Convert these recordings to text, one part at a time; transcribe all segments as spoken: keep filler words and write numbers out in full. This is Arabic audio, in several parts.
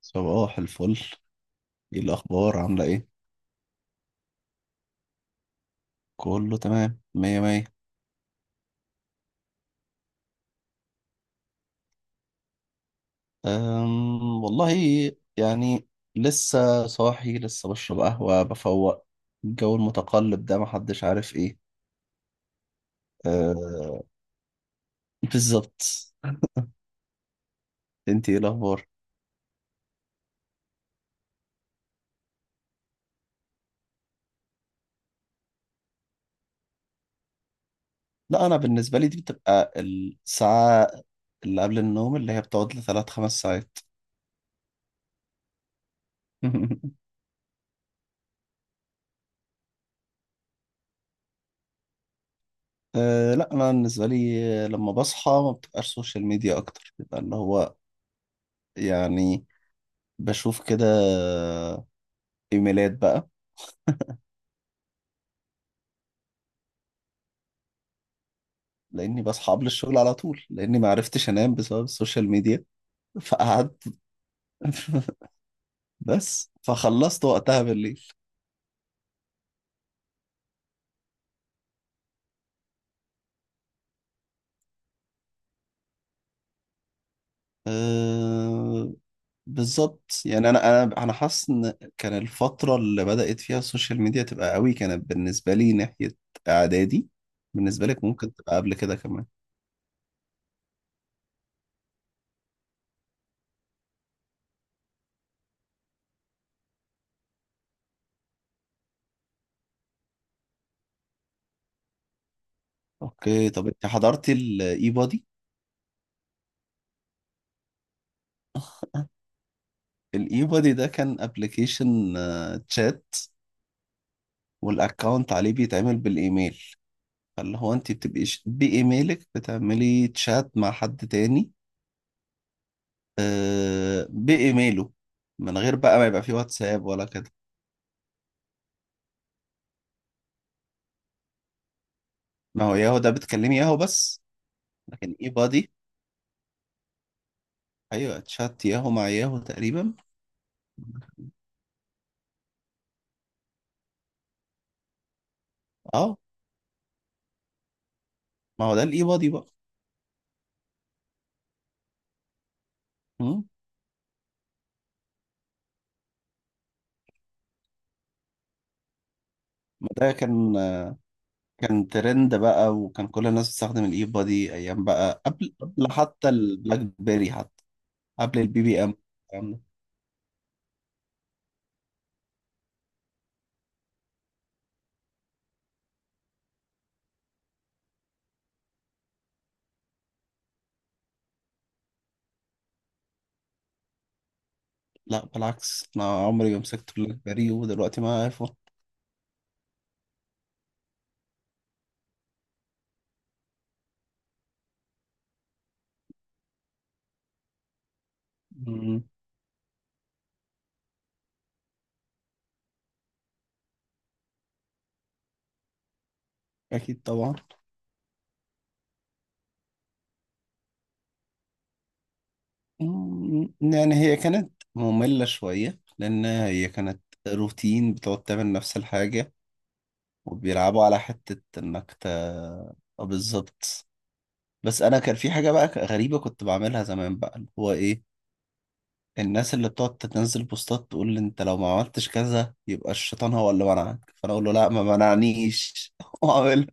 صباح الفل. ايه الاخبار؟ عامله ايه؟ كله تمام، مية مية. أم والله، يعني لسه صاحي، لسه بشرب قهوه بفوق. الجو المتقلب ده محدش عارف ايه. أه، بالظبط. انت ايه الاخبار؟ لا، انا بالنسبه لي دي بتبقى الساعه اللي قبل النوم، اللي هي بتقعد لثلاث خمس ساعات. أه، لا انا بالنسبه لي لما بصحى ما بتبقاش سوشيال ميديا اكتر، بيبقى اللي هو يعني بشوف كده ايميلات بقى. لاني بصحى قبل الشغل على طول، لاني ما عرفتش انام بسبب السوشيال ميديا فقعدت. بس فخلصت وقتها بالليل. أه، بالظبط. يعني انا انا انا حاسس ان كان الفتره اللي بدات فيها السوشيال ميديا تبقى قوي كانت بالنسبه لي ناحيه اعدادي. بالنسبه لك ممكن تبقى قبل كده كمان. اوكي، طب انت حضرتي الاي بودي؟ الاي بودي ده كان ابلكيشن تشات، والاكونت عليه بيتعمل بالايميل، فاللي هو انت بتبقي ش- بايميلك بتعملي تشات مع حد تاني. آه، بايميله. من غير بقى ما يبقى فيه واتساب ولا كده. ما هو ياهو ده بتكلمي ياهو بس، لكن اي بادي ايوه، تشات ياهو مع ياهو تقريبا. اه، ما هو ده الاي بادي بقى. مم. ما ده كان كان ترند بقى، وكان كل الناس بتستخدم الاي بادي ايام بقى، قبل قبل حتى البلاك بيري، حتى قبل البي بي ام لا، بالعكس انا عمري ما مسكت بلاك بيري ودلوقتي معايا ايفون. مم، اكيد طبعا. مم، يعني هي كانت مملة شوية لان هي كانت روتين، بتقعد تعمل نفس الحاجة. وبيلعبوا على حتة انك ت آه، بالظبط. بس انا كان في حاجة بقى غريبة كنت بعملها زمان بقى، اللي هو ايه؟ الناس اللي بتقعد تنزل بوستات تقول لي انت لو ما عملتش كذا يبقى الشيطان هو اللي منعك، فانا اقول له لا، ما منعنيش واعملها.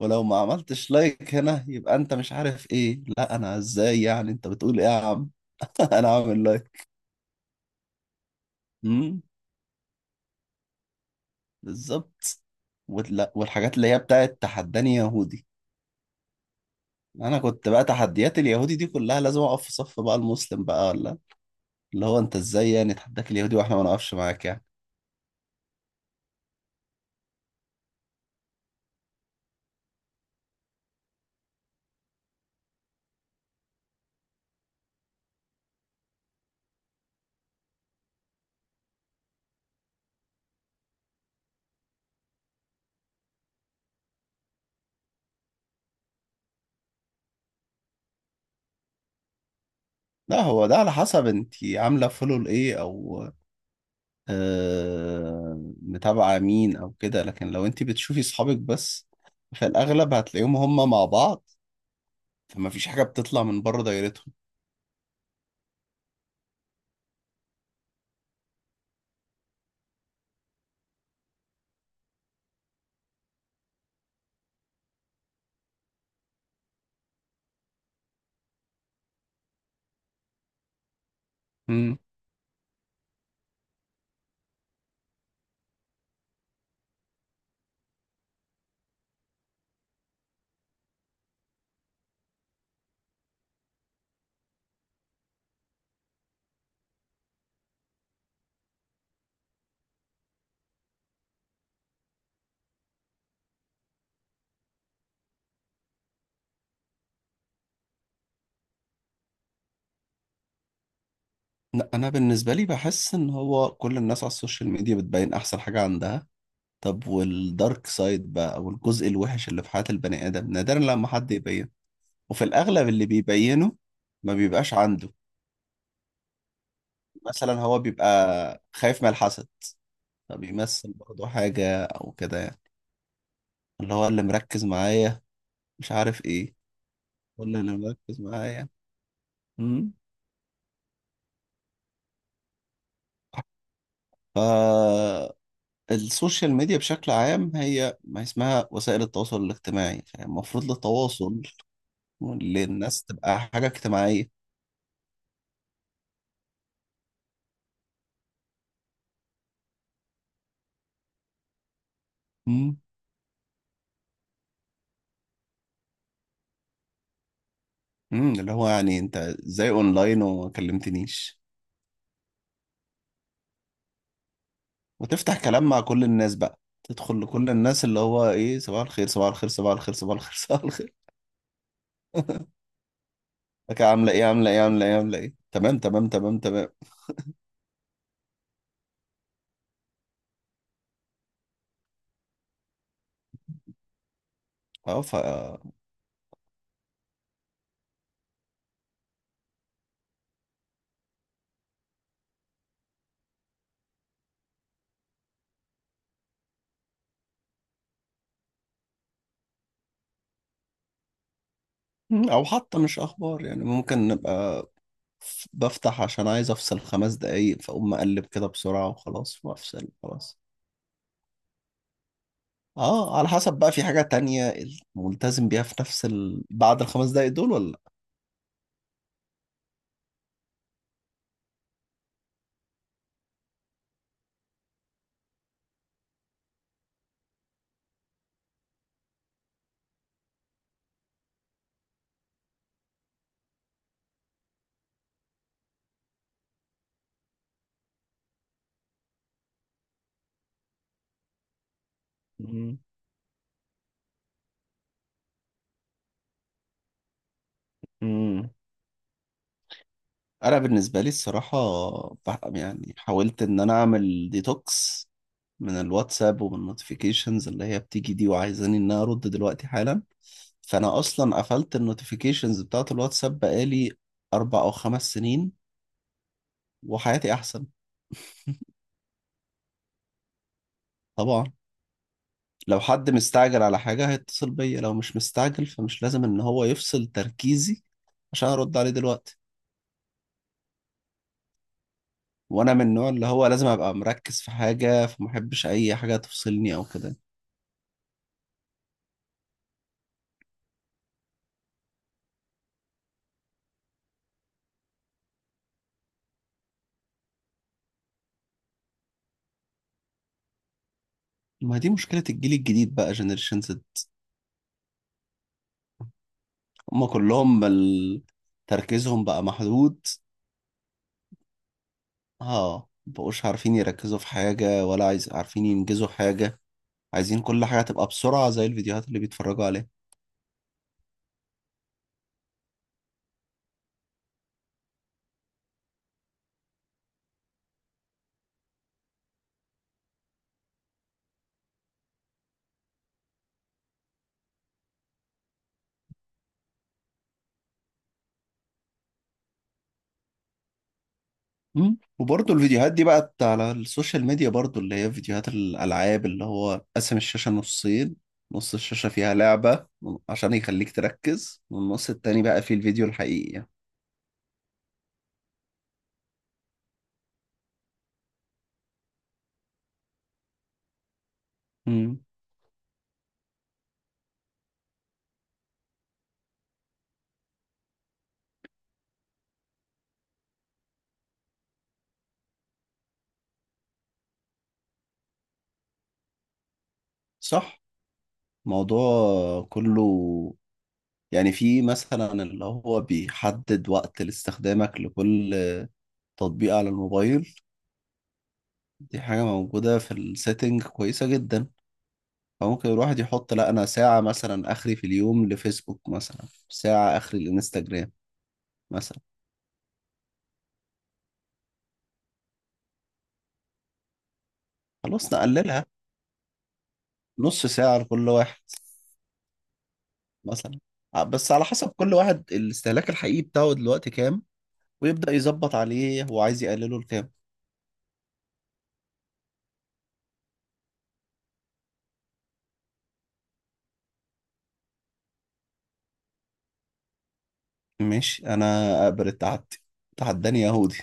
ولو ما عملتش لايك هنا يبقى انت مش عارف ايه، لا انا ازاي يعني، انت بتقول ايه يا عم؟ انا عامل لايك. امم بالظبط. ولا- والحاجات اللي هي بتاعت تحداني يهودي. انا كنت بقى تحديات اليهودي دي كلها لازم اقف في صف بقى المسلم، بقى ولا اللي هو انت ازاي يعني تحداك اليهودي واحنا ما نقفش معاك يعني. لا، هو ده على حسب انت عامله فولو لايه، او آه، متابعه مين او كده، لكن لو انت بتشوفي صحابك بس فالاغلب هتلاقيهم هم مع بعض، فما فيش حاجة بتطلع من بره دايرتهم. مم. لا، أنا بالنسبة لي بحس إن هو كل الناس على السوشيال ميديا بتبين أحسن حاجة عندها. طب والدارك سايد بقى، أو الجزء الوحش اللي في حياة البني آدم، نادرا لما حد يبينه. وفي الأغلب اللي بيبينه ما بيبقاش عنده. مثلا هو بيبقى خايف من الحسد، فبيمثل برضه حاجة أو كده يعني. اللي هو اللي مركز معايا مش عارف إيه، ولا اللي مركز معايا. مم. ف السوشيال ميديا بشكل عام، هي ما اسمها وسائل التواصل الاجتماعي، فالمفروض للتواصل، للناس، تبقى حاجة اجتماعية. مم. مم. اللي هو يعني انت ازاي اونلاين وما كلمتنيش. وتفتح كلام مع كل الناس، بقى تدخل لكل الناس اللي هو ايه، صباح الخير، صباح الخير، صباح الخير، صباح الخير صباح الخير. لك عاملة ايه، عاملة ايه، عاملة ايه، عاملة ايه، تمام تمام تمام تمام. اه. ف مم. او حتى مش اخبار، يعني ممكن نبقى ف- بفتح عشان عايز افصل خمس دقايق، فاقوم مقلب كده بسرعة وخلاص وافصل خلاص. اه، على حسب بقى في حاجة تانية ملتزم بيها في نفس ال... بعد الخمس دقايق دول ولا لا. مم. مم. انا بالنسبة لي الصراحة بح- يعني حاولت ان انا اعمل ديتوكس من الواتساب ومن النوتيفيكيشنز اللي هي بتيجي دي، وعايزاني ان انا ارد دلوقتي حالا. فانا اصلا قفلت النوتيفيكيشنز بتاعت الواتساب بقالي اربع او خمس سنين، وحياتي احسن. طبعا، لو حد مستعجل على حاجة هيتصل بيا، لو مش مستعجل فمش لازم ان هو يفصل تركيزي عشان ارد عليه دلوقتي. وانا من النوع اللي هو لازم ابقى مركز في حاجة، فمحبش اي حاجة تفصلني او كده. ما دي مشكلة الجيل الجديد بقى، جنريشن زد. هما كلهم بل... تركيزهم بقى محدود. اه، مبقوش عارفين يركزوا في حاجة ولا عايز عارفين ينجزوا حاجة، عايزين كل حاجة تبقى بسرعة زي الفيديوهات اللي بيتفرجوا عليها. مم. وبرضه الفيديوهات دي بقت على السوشيال ميديا برضه، اللي هي فيديوهات الألعاب اللي هو قسم الشاشة نصين، نص الشاشة فيها لعبة عشان يخليك تركز، والنص التاني بقى فيه الفيديو الحقيقي يعني. مم. صح. الموضوع كله يعني في مثلا اللي هو بيحدد وقت لاستخدامك لكل تطبيق على الموبايل، دي حاجة موجودة في السيتنج كويسة جدا. أو ممكن الواحد يحط، لا أنا ساعة مثلا آخري في اليوم لفيسبوك، مثلا ساعة آخري للإنستجرام مثلا. خلاص، نقللها نص ساعة لكل واحد مثلا. ع- بس على حسب كل واحد الاستهلاك الحقيقي بتاعه دلوقتي كام، ويبدأ يظبط عليه هو عايز يقلله لكام. ماشي، أنا أقبل التحدي. تحداني يهودي.